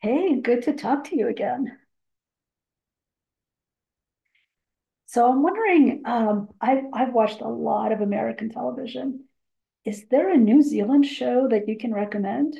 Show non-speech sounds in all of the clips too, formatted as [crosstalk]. Hey, good to talk to you again. So I'm wondering, I've watched a lot of American television. Is there a New Zealand show that you can recommend?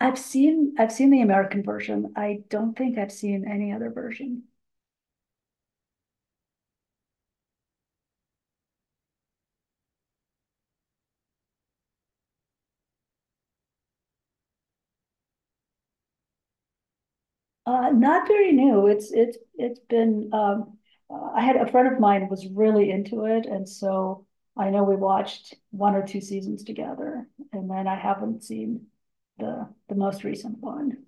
I've seen the American version. I don't think I've seen any other version. Not very new. It's been. I had a friend of mine was really into it, and so I know we watched one or two seasons together, and then I haven't seen the most recent one.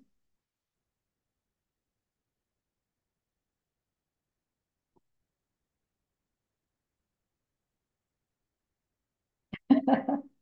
[laughs]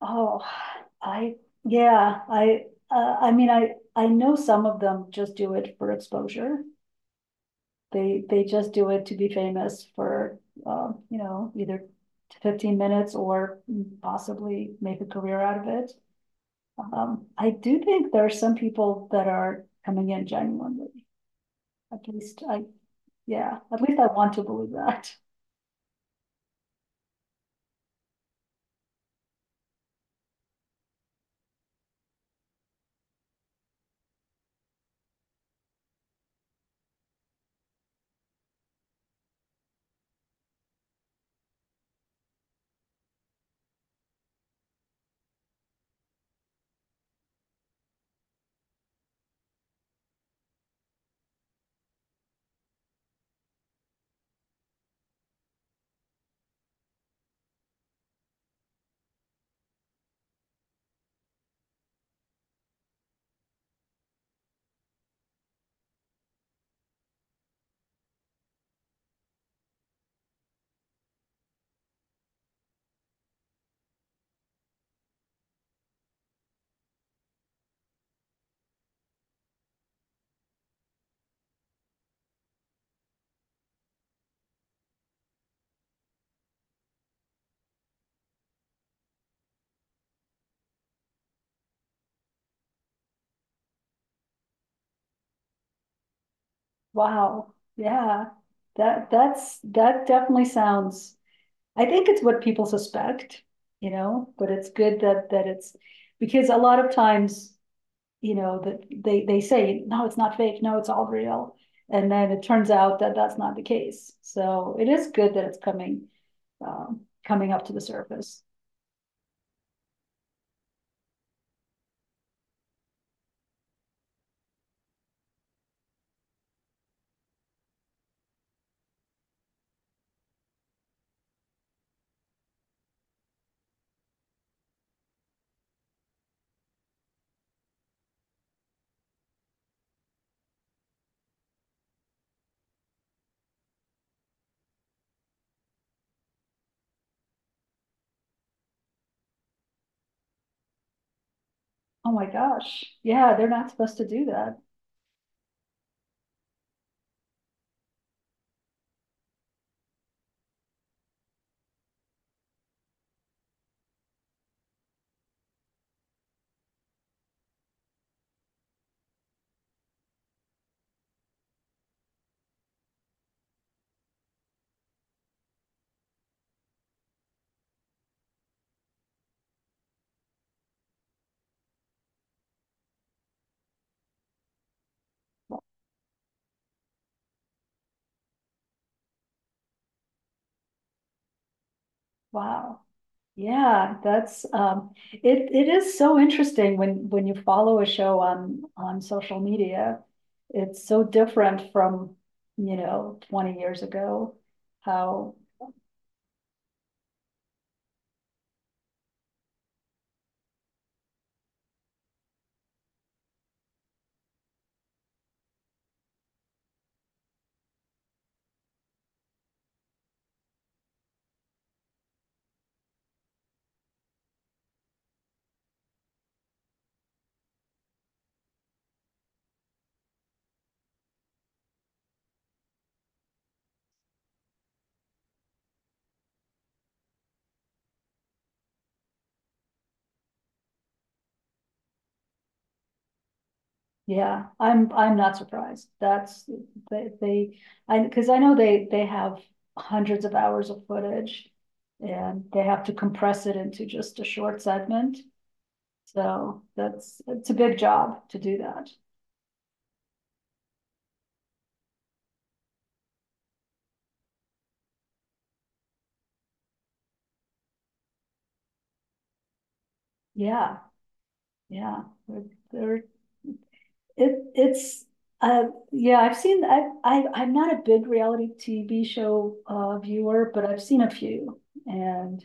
Oh, I, yeah, I mean, I know some of them just do it for exposure. They just do it to be famous for, you know, either 15 minutes or possibly make a career out of it. I do think there are some people that are coming in genuinely. At least I, yeah, at least I want to believe that. Wow, yeah, that definitely sounds. I think it's what people suspect, you know, but it's good that it's because a lot of times, you know, that they say no, it's not fake, no, it's all real, and then it turns out that that's not the case. So it is good that it's coming, coming up to the surface. Oh my gosh, yeah, they're not supposed to do that. Wow. Yeah, that's um, it is so interesting when you follow a show on social media. It's so different from, you know, 20 years ago. How yeah, I'm not surprised. That's they I because I know they have hundreds of hours of footage and they have to compress it into just a short segment. So that's it's a big job to do that. Yeah, yeah. They're It it's uh yeah, I've seen, I'm not a big reality TV show viewer, but I've seen a few and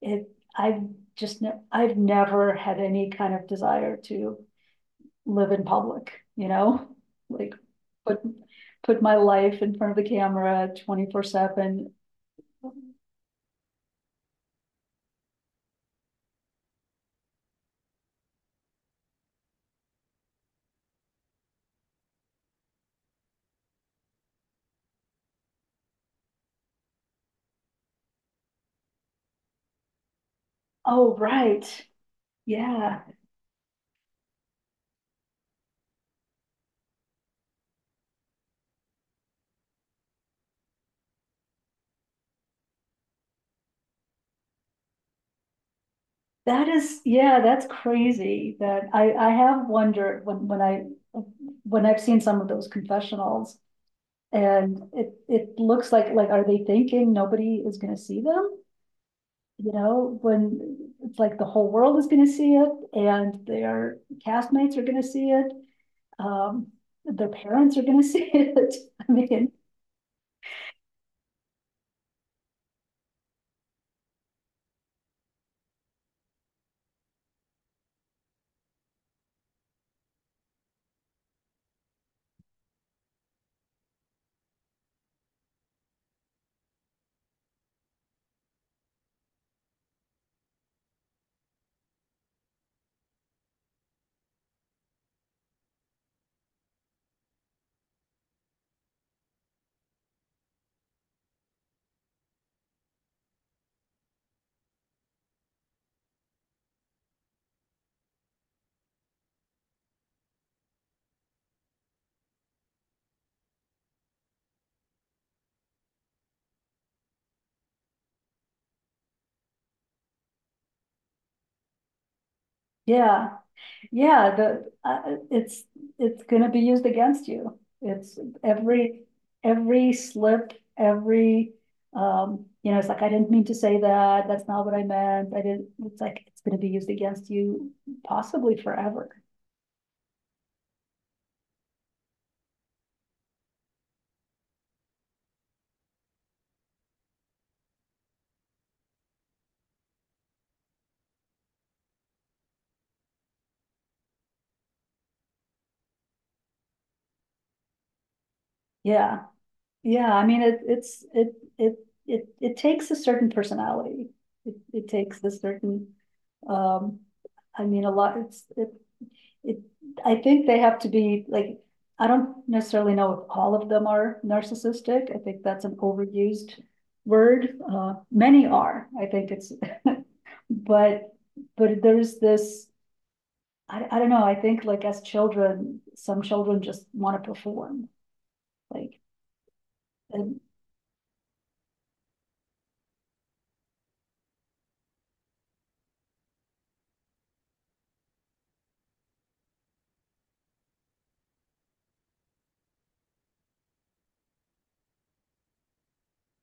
it I've just ne I've never had any kind of desire to live in public, you know? Like put put my life in front of the camera 24/7. Oh, right. Yeah. That is yeah, that's crazy that I have wondered when I when I've seen some of those confessionals. And it looks like, are they thinking nobody is gonna see them? You know, when it's like the whole world is gonna see it and their castmates are gonna see it. Um, their parents are gonna see it. [laughs] I mean, yeah, yeah, it's gonna be used against you. Every, every slip, you know, it's like, I didn't mean to say that, that's not what I meant, I didn't, it's like, it's gonna be used against you possibly forever. Yeah, yeah, I mean, it takes a certain personality. It takes a certain, um, I mean, a lot, it's, it, I think they have to be like, I don't necessarily know if all of them are narcissistic. I think that's an overused word. Many are. [laughs] But but there's this. I don't know. I think like as children, some children just want to perform. Like and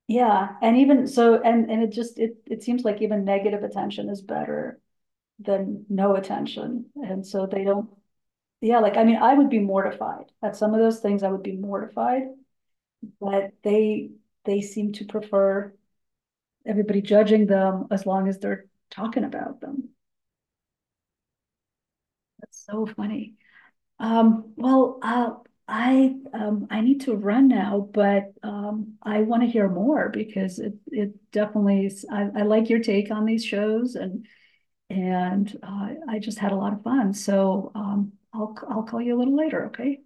yeah, and even so, and it just it seems like even negative attention is better than no attention. And so they don't, yeah, like, I mean, I would be mortified at some of those things. I would be mortified, but they seem to prefer everybody judging them as long as they're talking about them. That's so funny. Um, well, uh, I need to run now, but I want to hear more because it definitely is. I like your take on these shows. And I just had a lot of fun. So I'll call you a little later, okay?